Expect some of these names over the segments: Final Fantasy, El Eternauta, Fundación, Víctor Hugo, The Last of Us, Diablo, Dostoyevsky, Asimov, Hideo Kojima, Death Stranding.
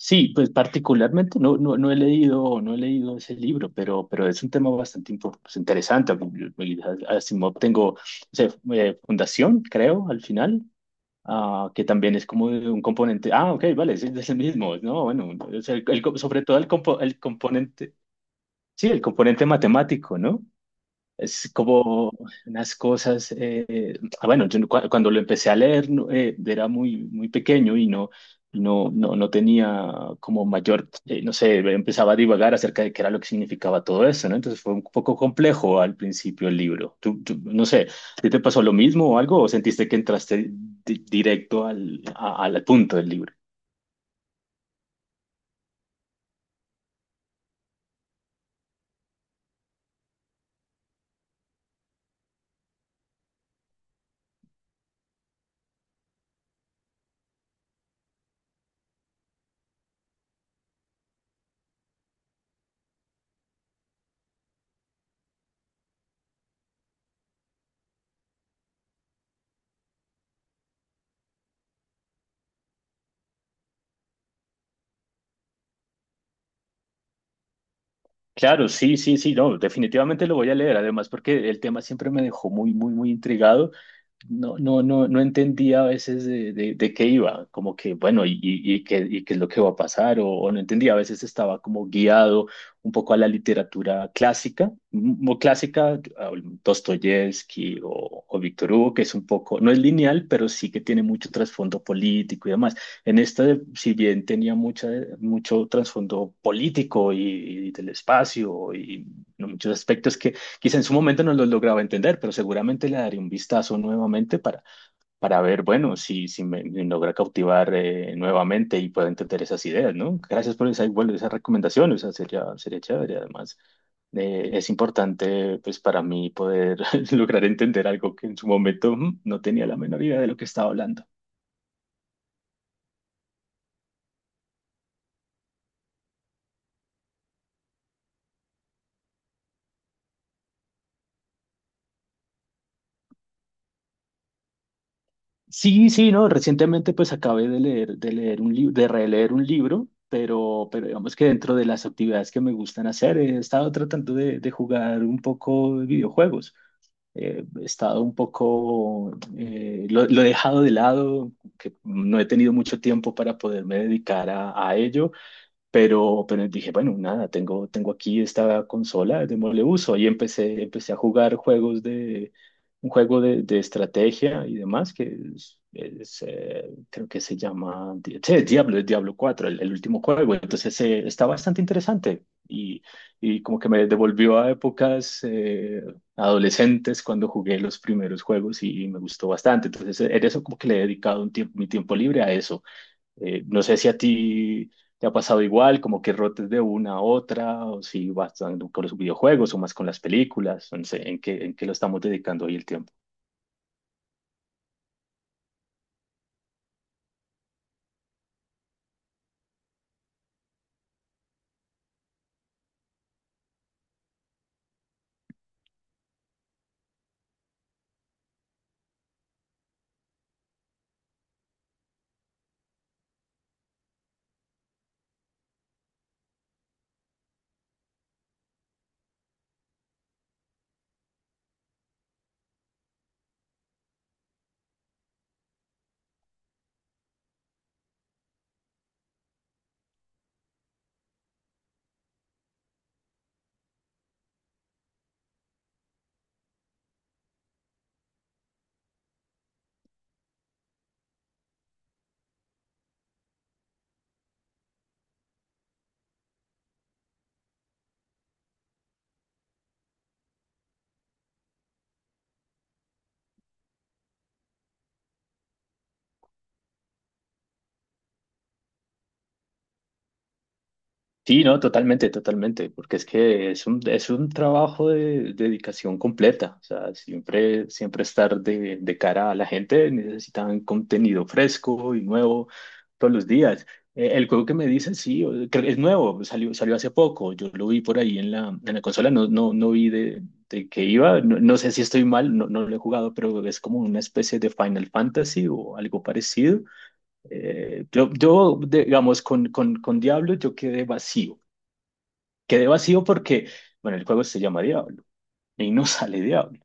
Sí, pues particularmente no he leído, no he leído ese libro, pero es un tema bastante impo- pues, interesante. Y Asimov tengo o sea, Fundación, creo, al final, ah, que también es como de un componente. Ah, ok, vale, es el mismo, ¿no? Bueno, es el co- sobre todo el, compo- el componente, sí, el componente matemático, ¿no? Es como unas cosas, bueno, yo no- cua- cuando lo empecé a leer no, era muy, muy pequeño y no tenía como mayor, no sé, empezaba a divagar acerca de qué era lo que significaba todo eso, ¿no? Entonces fue un poco complejo al principio el libro. Tú- no sé, ¿a ti te pasó lo mismo o algo o sentiste que entraste di- directo al, a- al punto del libro? Claro, sí, no, definitivamente lo voy a leer, además porque el tema siempre me dejó muy intrigado. No entendía a veces de qué iba, como que, bueno, y qué es lo que va a pasar, o no entendía, a veces estaba como guiado un poco a la literatura clásica, muy clásica, a Dostoyevsky o Víctor Hugo, que es un poco, no es lineal, pero sí que tiene mucho trasfondo político y demás. En esta, si bien tenía mucha, mucho trasfondo político y del espacio y muchos aspectos que quizá en su momento no lo lograba entender, pero seguramente le daré un vistazo nuevamente para ver, bueno, si me logra cautivar nuevamente y puedo entender esas ideas, ¿no? Gracias por esa, bueno, esa recomendación, o sea, sería chévere. Además, es importante, pues, para mí poder lograr entender algo que en su momento no tenía la menor idea de lo que estaba hablando. Sí, sí, no, recientemente pues acabé de leer un libro, de releer un libro, pero digamos que dentro de las actividades que me gustan hacer, he estado tratando de jugar un poco de videojuegos. He estado un poco, lo he dejado de lado, que no he tenido mucho tiempo para poderme dedicar a ello, pero dije, bueno, nada, tengo aquí esta consola, démosle uso. Y empecé a jugar juegos de, un juego de estrategia y demás, que creo que se llama, Di- sí, Diablo, es Diablo cuatro el último juego. Entonces, está bastante interesante y como que me devolvió a épocas adolescentes cuando jugué los primeros juegos y me gustó bastante. Entonces, en eso como que le he dedicado un tiempo, mi tiempo libre a eso. No sé si a ti te ha pasado igual, como que rotes de una a otra, o si vas tanto con los videojuegos o más con las películas, no sé, en qué lo estamos dedicando hoy el tiempo. Sí, no, totalmente, totalmente, porque es que es un trabajo de, dedicación completa, o sea, siempre, siempre estar de cara a la gente, necesitan contenido fresco y nuevo todos los días. El juego que me dices, sí, o- creo que es nuevo, salió hace poco, yo lo vi por ahí en la consola, no vi de qué iba, no, no sé si estoy mal, no lo he jugado, pero es como una especie de Final Fantasy o algo parecido. Yo, digamos, con Diablo yo quedé vacío. Quedé vacío porque, bueno, el juego se llama Diablo y no sale Diablo.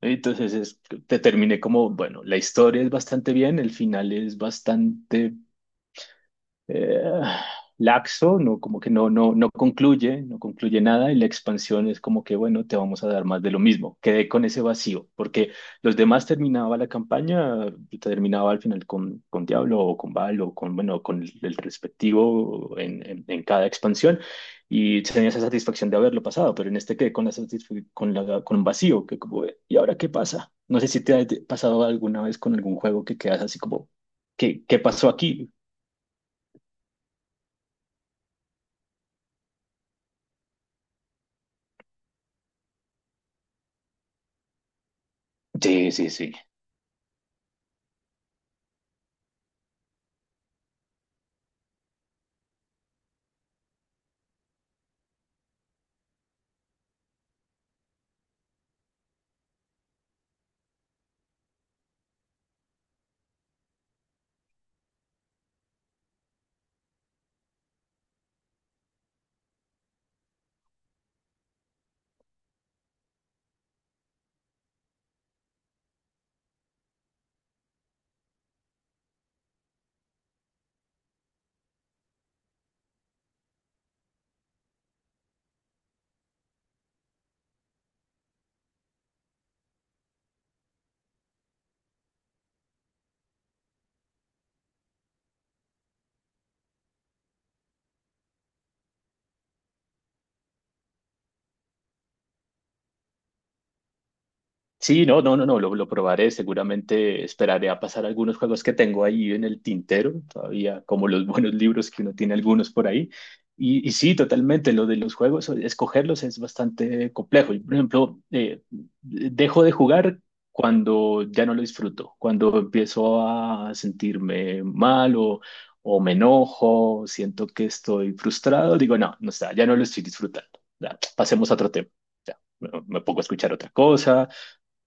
Entonces es- te terminé como, bueno, la historia es bastante bien, el final es bastante eh, laxo, no, como que no concluye, no concluye nada y la expansión es como que, bueno, te vamos a dar más de lo mismo. Quedé con ese vacío, porque los demás terminaba la campaña, yo terminaba al final con Diablo o con Val o con, bueno, con el respectivo en cada expansión y tenía esa satisfacción de haberlo pasado, pero en este quedé con la satisf- con la, con un vacío, que como, ¿y ahora qué pasa? No sé si te ha pasado alguna vez con algún juego que quedas así como, ¿qué, qué pasó aquí? Sí, sí, sí. Sí, no, lo probaré. Seguramente esperaré a pasar algunos juegos que tengo ahí en el tintero, todavía como los buenos libros que uno tiene algunos por ahí. Y sí, totalmente, lo de los juegos, o- escogerlos es bastante complejo. Yo, por ejemplo, dejo de jugar cuando ya no lo disfruto, cuando empiezo a sentirme mal o me enojo, siento que estoy frustrado, digo, no está, ya no lo estoy disfrutando. Ya, pasemos a otro tema. Ya, me pongo a escuchar otra cosa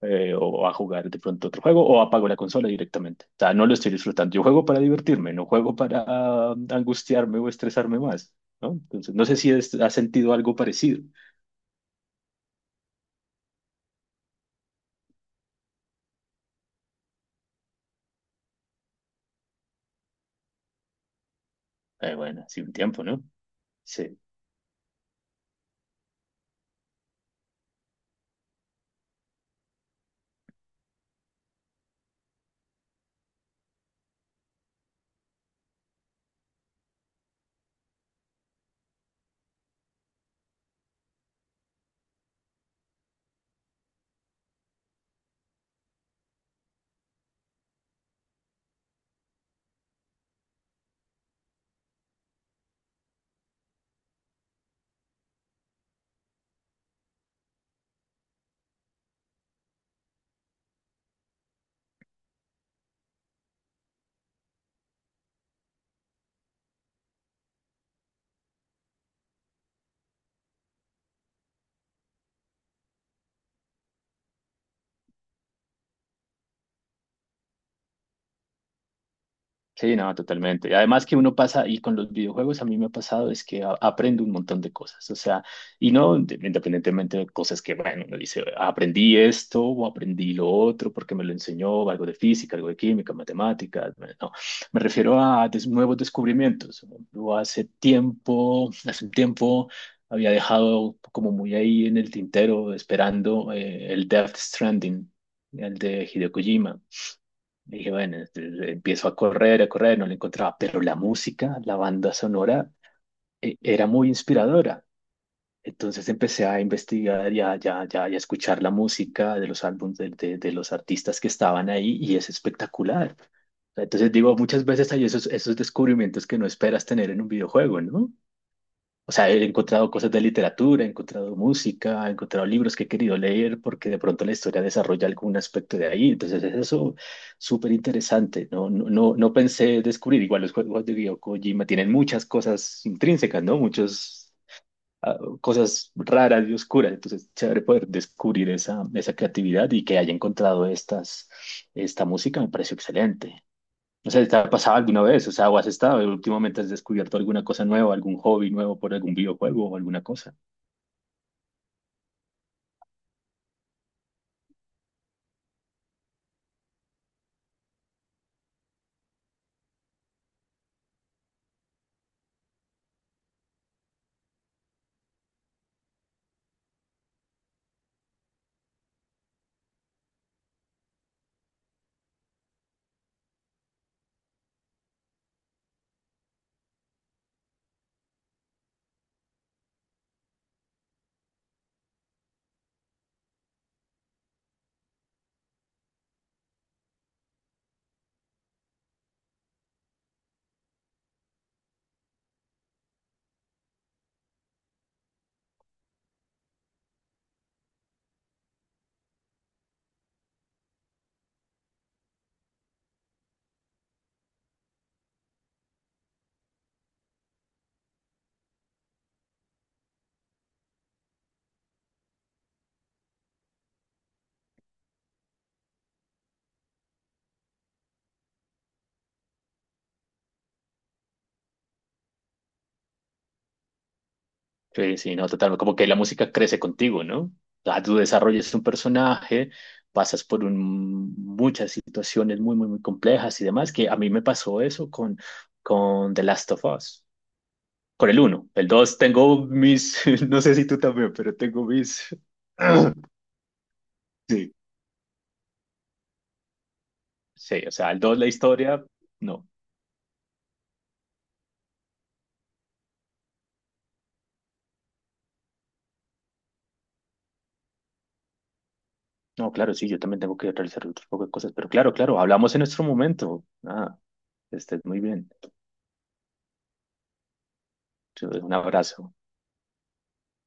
o a jugar de pronto otro juego o apago la consola directamente. O sea, no lo estoy disfrutando. Yo juego para divertirme, no juego para angustiarme o estresarme más, ¿no? Entonces, no sé si has sentido algo parecido. Bueno, hace un tiempo, ¿no? Sí. Sí, no, totalmente. Y además que uno pasa, y con los videojuegos a mí me ha pasado, es que a- aprendo un montón de cosas, o sea, y no inde- independientemente de cosas que, bueno, uno dice, aprendí esto o aprendí lo otro porque me lo enseñó algo de física, algo de química, matemáticas, bueno, no, me refiero a des- nuevos descubrimientos. Yo hace tiempo, hace un tiempo había dejado como muy ahí en el tintero esperando el Death Stranding, el de Hideo Kojima. Dije, bueno, este, empiezo a correr, no lo encontraba, pero la música, la banda sonora, era muy inspiradora. Entonces empecé a investigar y a, ya escuchar la música de los álbumes de los artistas que estaban ahí y es espectacular. Entonces digo, muchas veces hay esos descubrimientos que no esperas tener en un videojuego, ¿no? O sea, he encontrado cosas de literatura, he encontrado música, he encontrado libros que he querido leer porque de pronto la historia desarrolla algún aspecto de ahí. Entonces, es eso súper interesante. No pensé descubrir. Igual los juegos de Hideo Kojima tienen muchas cosas intrínsecas, ¿no? Muchas cosas raras y oscuras. Entonces, chévere poder descubrir esa creatividad y que haya encontrado estas, esta música me pareció excelente. O sea, ¿te ha pasado alguna vez? O sea, ¿o has estado últimamente has descubierto alguna cosa nueva, algún hobby nuevo por algún videojuego o alguna cosa? Sí, sí, no, total, como que la música crece contigo, ¿no? O sea, tú desarrollas un personaje, pasas por un- muchas situaciones muy complejas y demás, que a mí me pasó eso con The Last of Us, con el uno, el 2 tengo mis, no sé si tú también, pero tengo mis... Sí, sí, o sea, el 2 la historia, no. No, claro, sí, yo también tengo que realizar otro poco de cosas, pero claro, claro, hablamos en nuestro momento. Ah, estés muy bien. Te doy un abrazo.